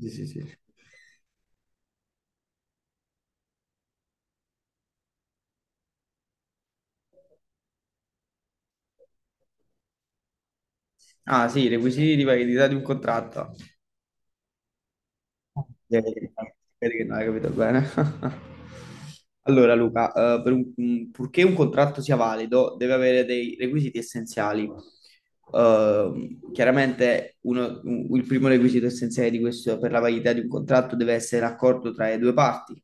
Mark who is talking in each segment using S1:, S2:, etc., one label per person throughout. S1: Sì, sì, sì. Ah, sì, i requisiti di validità di un contratto. Eh, Vedi che non hai capito bene. Allora, Luca, purché un contratto sia valido, deve avere dei requisiti essenziali. Chiaramente, il primo requisito essenziale di questo, per la validità di un contratto deve essere l'accordo tra le due parti.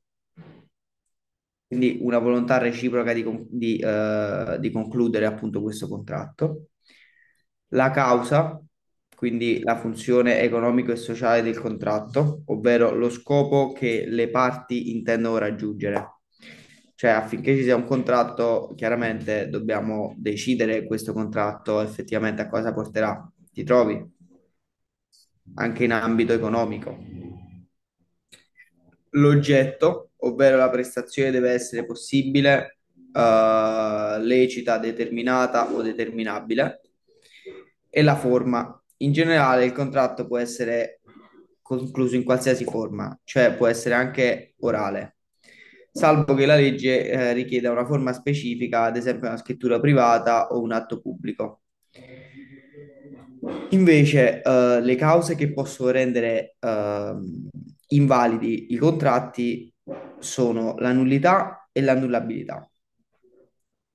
S1: Quindi una volontà reciproca di concludere appunto questo contratto. La causa, quindi la funzione economico e sociale del contratto, ovvero lo scopo che le parti intendono raggiungere. Cioè, affinché ci sia un contratto, chiaramente dobbiamo decidere questo contratto effettivamente a cosa porterà. Ti trovi anche in ambito economico. L'oggetto, ovvero la prestazione, deve essere possibile, lecita, determinata o determinabile. E la forma. In generale, il contratto può essere concluso in qualsiasi forma, cioè può essere anche orale, salvo che la legge, richieda una forma specifica, ad esempio una scrittura privata o un atto pubblico. Invece, le cause che possono rendere invalidi i contratti sono la nullità e l'annullabilità.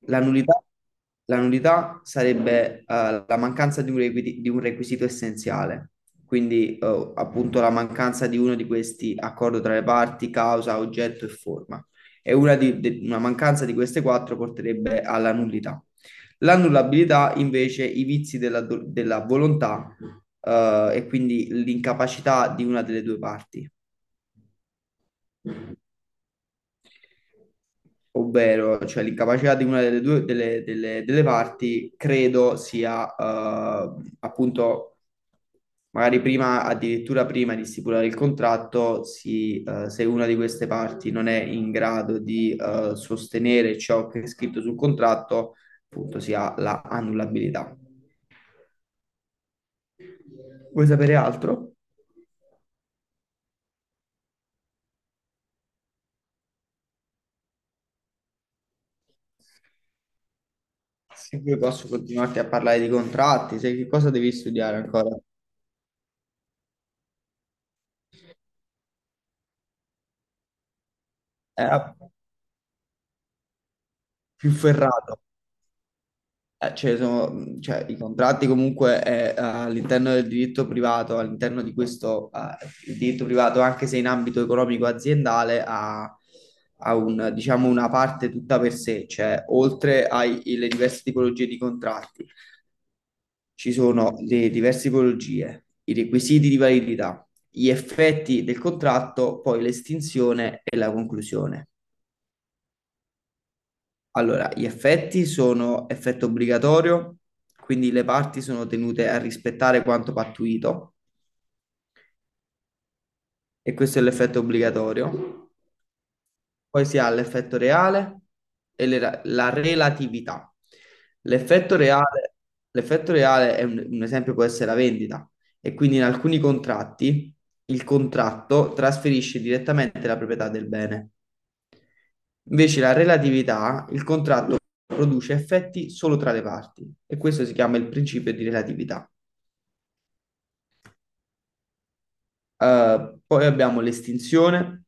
S1: La nullità, la nullità sarebbe la mancanza di un requisito essenziale, quindi appunto la mancanza di uno di questi accordo tra le parti, causa, oggetto e forma. E una mancanza di queste quattro porterebbe alla nullità. L'annullabilità invece i vizi della volontà e quindi l'incapacità di una delle due parti, ovvero cioè l'incapacità di una delle due delle, delle- delle parti credo sia appunto magari prima, addirittura prima di stipulare il contratto, se una di queste parti non è in grado di sostenere ciò che è scritto sul contratto, appunto si ha la annullabilità. Vuoi sapere altro? Se poi posso continuarti a parlare di contratti, sai che cosa devi studiare ancora? Era più ferrato. Cioè, i contratti comunque all'interno del diritto privato, all'interno di questo il diritto privato, anche se in ambito economico aziendale, ha, ha un, diciamo, una parte tutta per sé, cioè oltre alle diverse tipologie di contratti. Ci sono le diverse tipologie, i requisiti di validità, gli effetti del contratto, poi l'estinzione e la conclusione. Allora, gli effetti sono effetto obbligatorio, quindi le parti sono tenute a rispettare quanto pattuito, e questo è l'effetto obbligatorio. Poi si ha l'effetto reale e la relatività. L'effetto reale, l'effetto reale è un esempio può essere la vendita e quindi in alcuni contratti il contratto trasferisce direttamente la proprietà del bene. Invece la relatività, il contratto produce effetti solo tra le parti e questo si chiama il principio di relatività. Poi abbiamo l'estinzione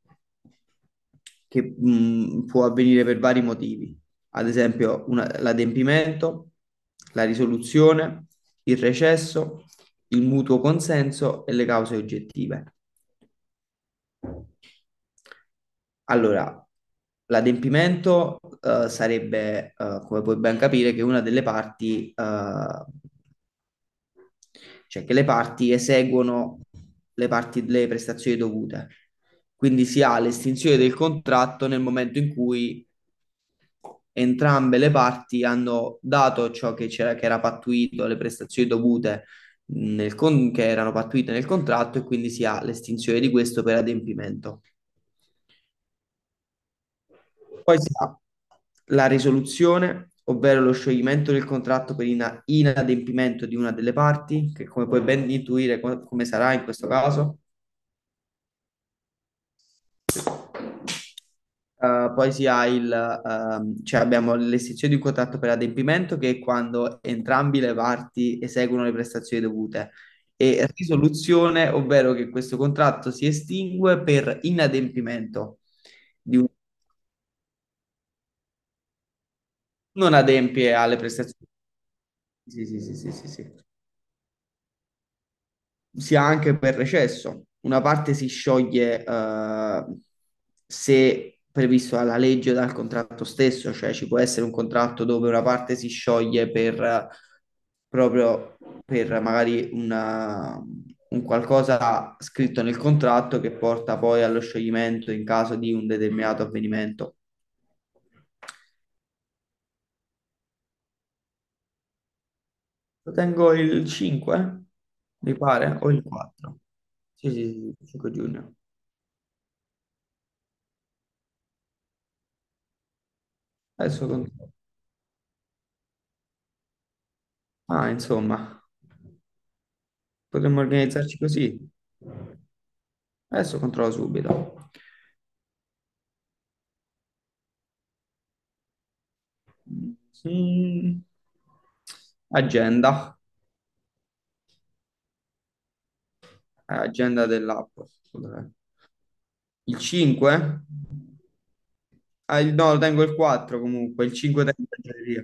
S1: che può avvenire per vari motivi, ad esempio l'adempimento, la risoluzione, il recesso, il mutuo consenso e le cause oggettive. Allora, l'adempimento sarebbe, come puoi ben capire, che una delle parti cioè che le parti eseguono le prestazioni dovute. Quindi si ha l'estinzione del contratto nel momento in cui entrambe le parti hanno dato ciò che c'era, che era pattuito, le prestazioni dovute che erano pattuite nel contratto e quindi si ha l'estinzione di questo per adempimento. Poi si ha la risoluzione, ovvero lo scioglimento del contratto per inadempimento di una delle parti, che come puoi ben intuire come sarà in questo caso. Poi si ha cioè abbiamo l'estinzione di un contratto per adempimento che è quando entrambi le parti eseguono le prestazioni dovute e risoluzione, ovvero che questo contratto si estingue per inadempimento di un non adempie alle prestazioni. Sì, sì, sì, sì, sì, sì. Sia anche per recesso. Una parte si scioglie se previsto dalla legge o dal contratto stesso, cioè ci può essere un contratto dove una parte si scioglie per proprio per magari un qualcosa scritto nel contratto che porta poi allo scioglimento in caso di un determinato avvenimento. Lo tengo il 5, mi pare, o il 4. Sì, sì, sì, 5 giugno. Adesso controllo. Ah, insomma, potremmo organizzarci così. Adesso controllo subito. Mm, Agenda, agenda dell'app. Dov'è? Il 5? Ah, no, lo tengo il 4 comunque, il 5 tengo in libreria.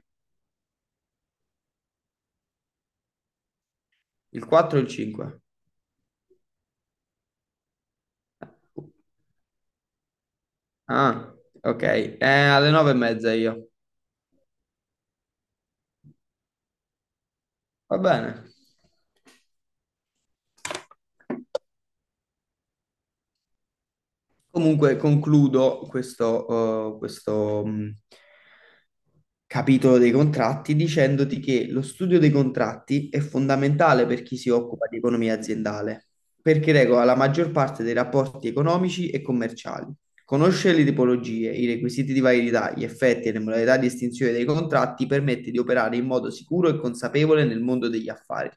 S1: Il 4 o il 5? Ah, ok, alle 9 e mezza io. Va bene. Comunque concludo questo, capitolo dei contratti dicendoti che lo studio dei contratti è fondamentale per chi si occupa di economia aziendale, perché regola la maggior parte dei rapporti economici e commerciali. Conoscere le tipologie, i requisiti di validità, gli effetti e le modalità di estinzione dei contratti permette di operare in modo sicuro e consapevole nel mondo degli affari.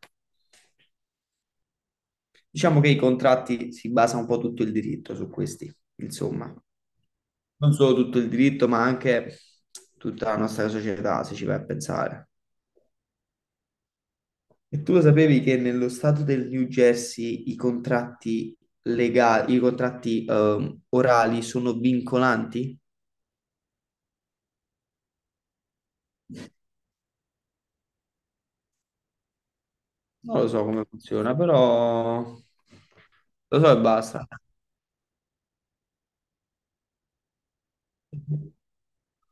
S1: Diciamo che i contratti si basa un po' tutto il diritto su questi, insomma. Non solo tutto il diritto, ma anche tutta la nostra società, se ci vai a pensare. E tu lo sapevi che nello stato del New Jersey i contratti legali, i contratti orali sono vincolanti? Non lo so come funziona, però lo so e basta.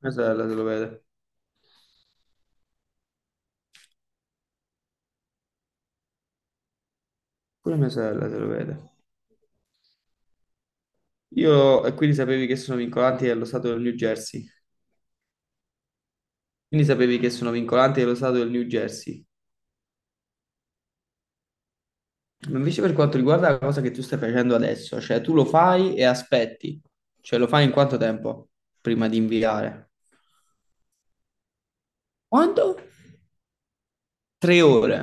S1: Mia sorella se lo vede, pure mia sorella se lo vede. E quindi sapevi che sono vincolanti dello stato del New Jersey. Quindi sapevi che sono vincolanti dello stato del New Jersey. Ma invece per quanto riguarda la cosa che tu stai facendo adesso, cioè tu lo fai e aspetti, cioè lo fai in quanto tempo prima di inviare? Quanto? 3 ore,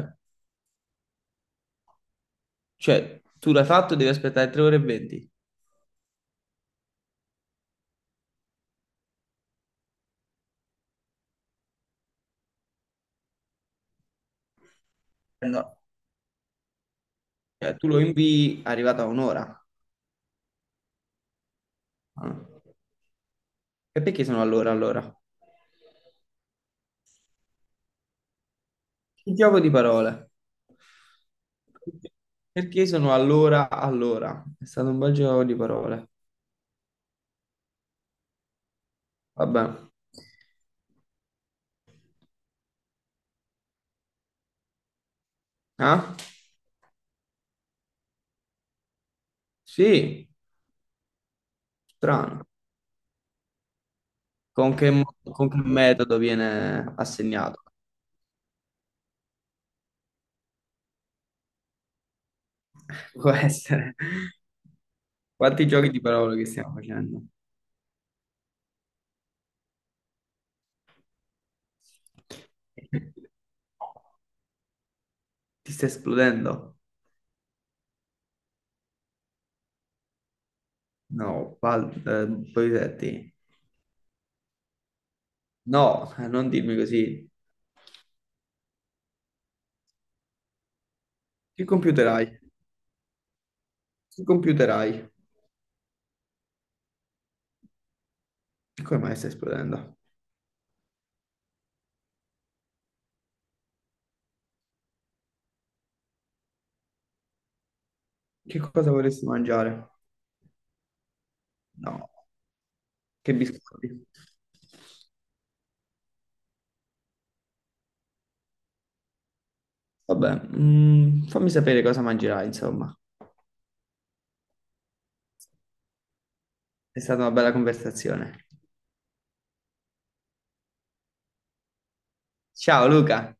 S1: cioè tu l'hai fatto, devi aspettare 3 ore e 20. Eh, no. Cioè, tu lo invii arrivato a un'ora. Ah. E perché sono all'ora allora? Il gioco di parole. Perché sono all'ora allora? È stato un bel gioco di parole. Vabbè. Ah? Sì, strano. Con che metodo viene assegnato? Può essere. Quanti giochi di parole che stiamo facendo? Ti sta esplodendo? No, Polisetti. No, non dirmi così. Che computer hai? Che computer hai? Come mai stai esplodendo? Che cosa vorresti mangiare? No, che biscotti? Vabbè, fammi sapere cosa mangerai, insomma. È stata una bella conversazione. Ciao Luca!